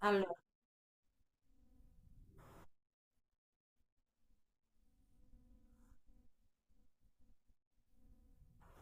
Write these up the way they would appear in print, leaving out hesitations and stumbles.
Allora,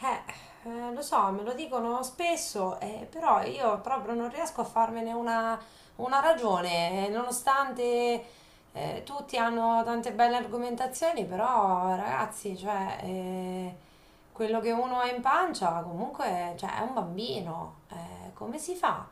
eh, lo so, me lo dicono spesso, però io proprio non riesco a farmene una ragione, nonostante tutti hanno tante belle argomentazioni, però ragazzi, cioè, quello che uno ha in pancia comunque, cioè, è un bambino, come si fa?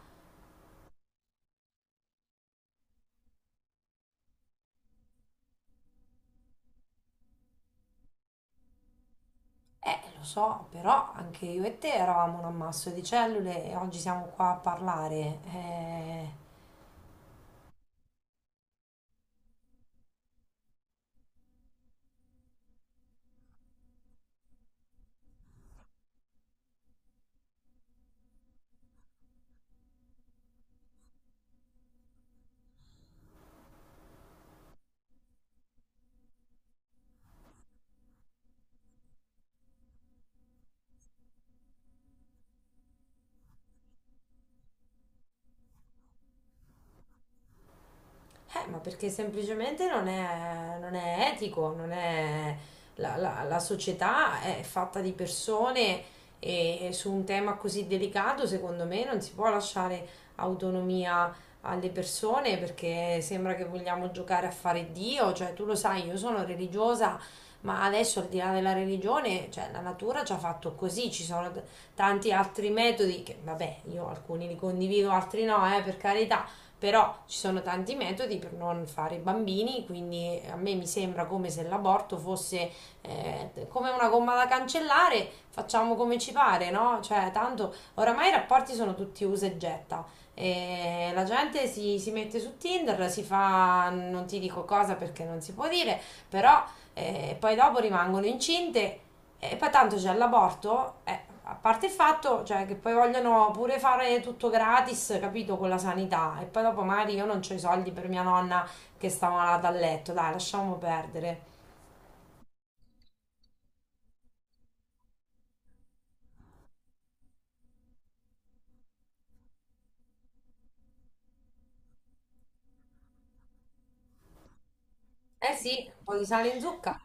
Lo so, però anche io e te eravamo un ammasso di cellule e oggi siamo qua a parlare. Ma perché semplicemente non è etico, non è, la, la- la società è fatta di persone e su un tema così delicato, secondo me, non si può lasciare autonomia alle persone perché sembra che vogliamo giocare a fare Dio. Cioè, tu lo sai, io sono religiosa, ma adesso al di là della religione, cioè la natura ci ha fatto così, ci sono tanti altri metodi che, vabbè, io alcuni li condivido, altri no, per carità, però ci sono tanti metodi per non fare bambini, quindi a me mi sembra come se l'aborto fosse come una gomma da cancellare, facciamo come ci pare, no? Cioè, tanto oramai i rapporti sono tutti usa e getta. E la gente si mette su Tinder, si fa non ti dico cosa perché non si può dire, però poi dopo rimangono incinte e poi tanto c'è l'aborto, a parte il fatto, cioè, che poi vogliono pure fare tutto gratis, capito, con la sanità. E poi dopo magari io non ho i soldi per mia nonna che sta malata a letto. Dai, lasciamo perdere. Eh sì, un po' di sale in zucca.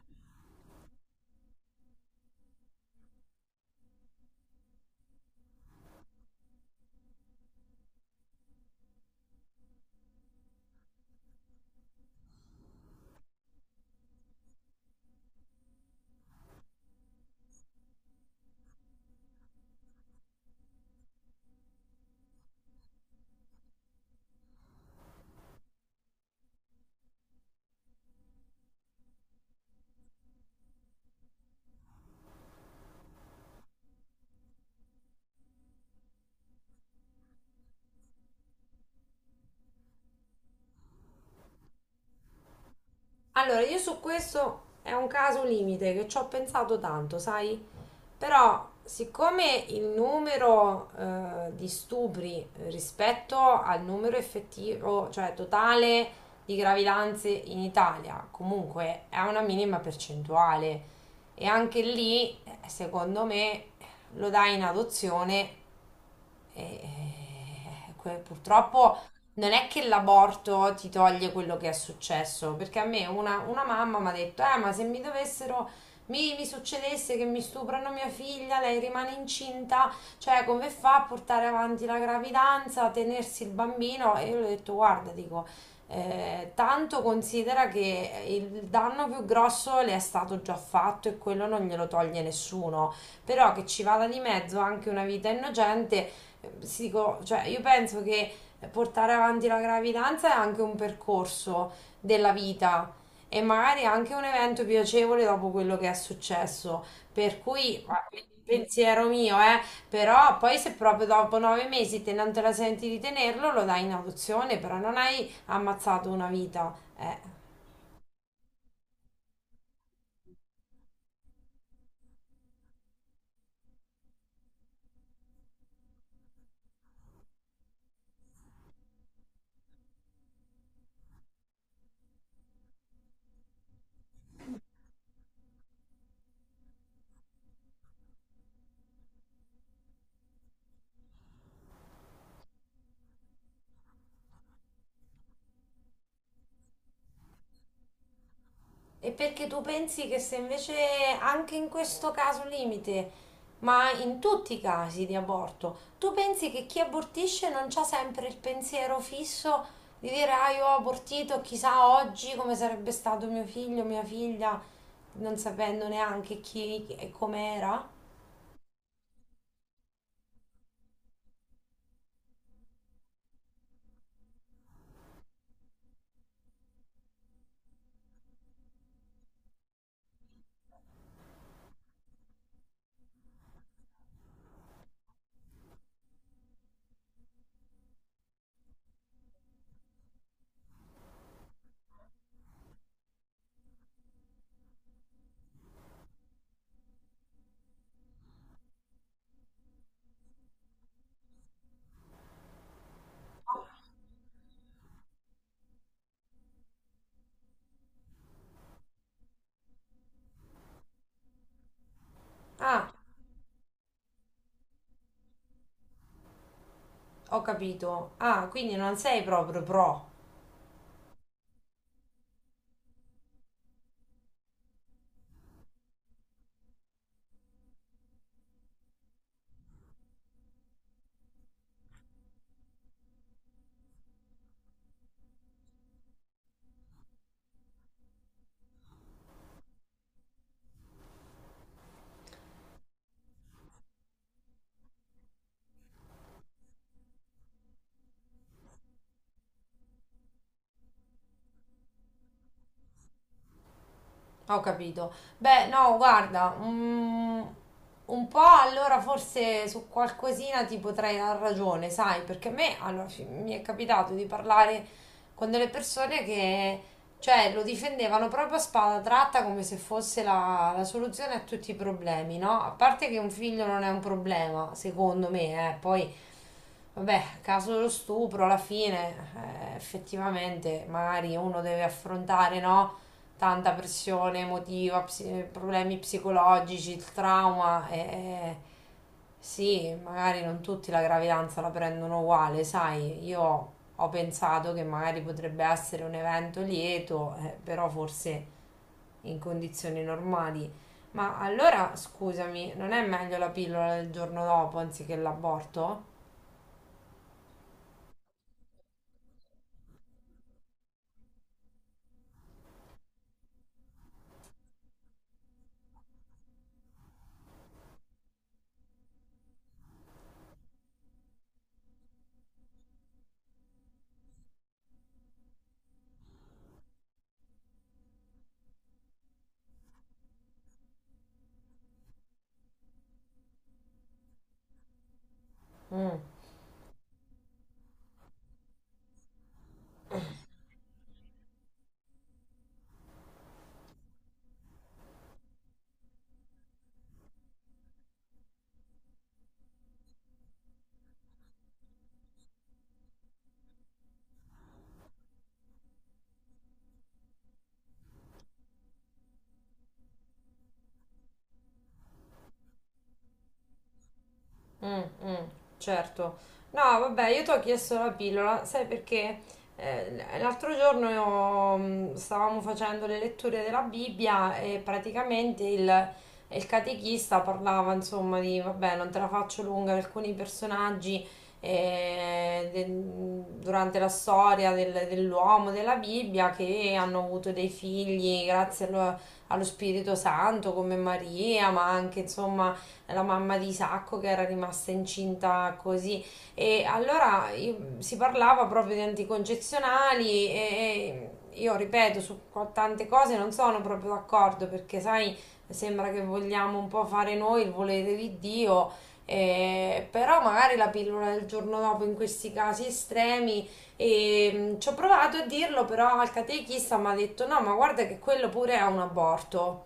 Allora, io su questo è un caso limite che ci ho pensato tanto, sai? Però, siccome il numero di stupri rispetto al numero effettivo, cioè totale di gravidanze in Italia, comunque è una minima percentuale. E anche lì, secondo me, lo dai in adozione e purtroppo non è che l'aborto ti toglie quello che è successo, perché a me una mamma mi ha detto, ma se mi succedesse che mi stuprano mia figlia, lei rimane incinta, cioè come fa a portare avanti la gravidanza, a tenersi il bambino? E io le ho detto, guarda, dico, tanto considera che il danno più grosso le è stato già fatto e quello non glielo toglie nessuno, però che ci vada di mezzo anche una vita innocente, si dico, cioè, io penso che portare avanti la gravidanza è anche un percorso della vita, e magari anche un evento piacevole dopo quello che è successo. Per cui, ma, pensiero mio, però poi se proprio dopo nove mesi te non te la senti di tenerlo, lo dai in adozione, però non hai ammazzato una vita. E perché tu pensi che se invece anche in questo caso limite, ma in tutti i casi di aborto, tu pensi che chi abortisce non c'ha sempre il pensiero fisso di dire ah io ho abortito, chissà oggi come sarebbe stato mio figlio, mia figlia, non sapendo neanche chi e com'era? Ah, ho capito. Ah, quindi non sei proprio pro. Ho capito. Beh, no, guarda, un po' allora forse su qualcosina ti potrei dar ragione, sai, perché a me allora, mi è capitato di parlare con delle persone che, cioè, lo difendevano proprio a spada tratta come se fosse la soluzione a tutti i problemi, no? A parte che un figlio non è un problema, secondo me, eh. Vabbè, caso dello stupro, alla fine, effettivamente, magari uno deve affrontare, no? Tanta pressione emotiva, problemi psicologici, il trauma. E, sì, magari non tutti la gravidanza la prendono uguale, sai, io ho pensato che magari potrebbe essere un evento lieto, però forse in condizioni normali. Ma allora, scusami, non è meglio la pillola del giorno dopo anziché l'aborto? Mm. Mm, mm, certo. No, vabbè, io ti ho chiesto la pillola, sai perché l'altro giorno io, stavamo facendo le letture della Bibbia e praticamente il catechista parlava, insomma, di, vabbè, non te la faccio lunga, alcuni personaggi eh, de- durante la storia dell'uomo, della Bibbia, che hanno avuto dei figli grazie allo Spirito Santo, come Maria, ma anche, insomma, la mamma di Isacco che era rimasta incinta così. E allora si parlava proprio di anticoncezionali e io ripeto, su tante cose non sono proprio d'accordo, perché sai, sembra che vogliamo un po' fare noi il volere di Dio, però magari la pillola del giorno dopo in questi casi estremi. E, ci ho provato a dirlo, però al catechista mi ha detto no, ma guarda che quello pure è un aborto,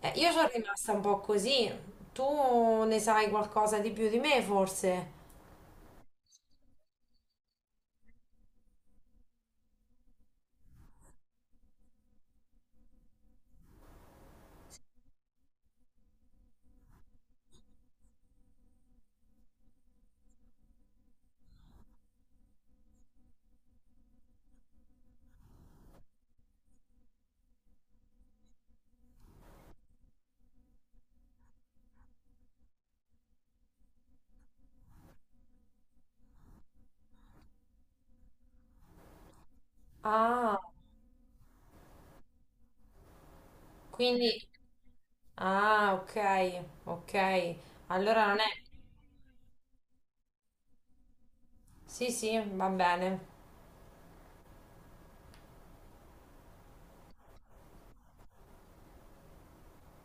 io sono rimasta un po' così. Tu ne sai qualcosa di più di me, forse? Ah, quindi. Ah, ok, ok. Allora non è. Sì, sì, va bene.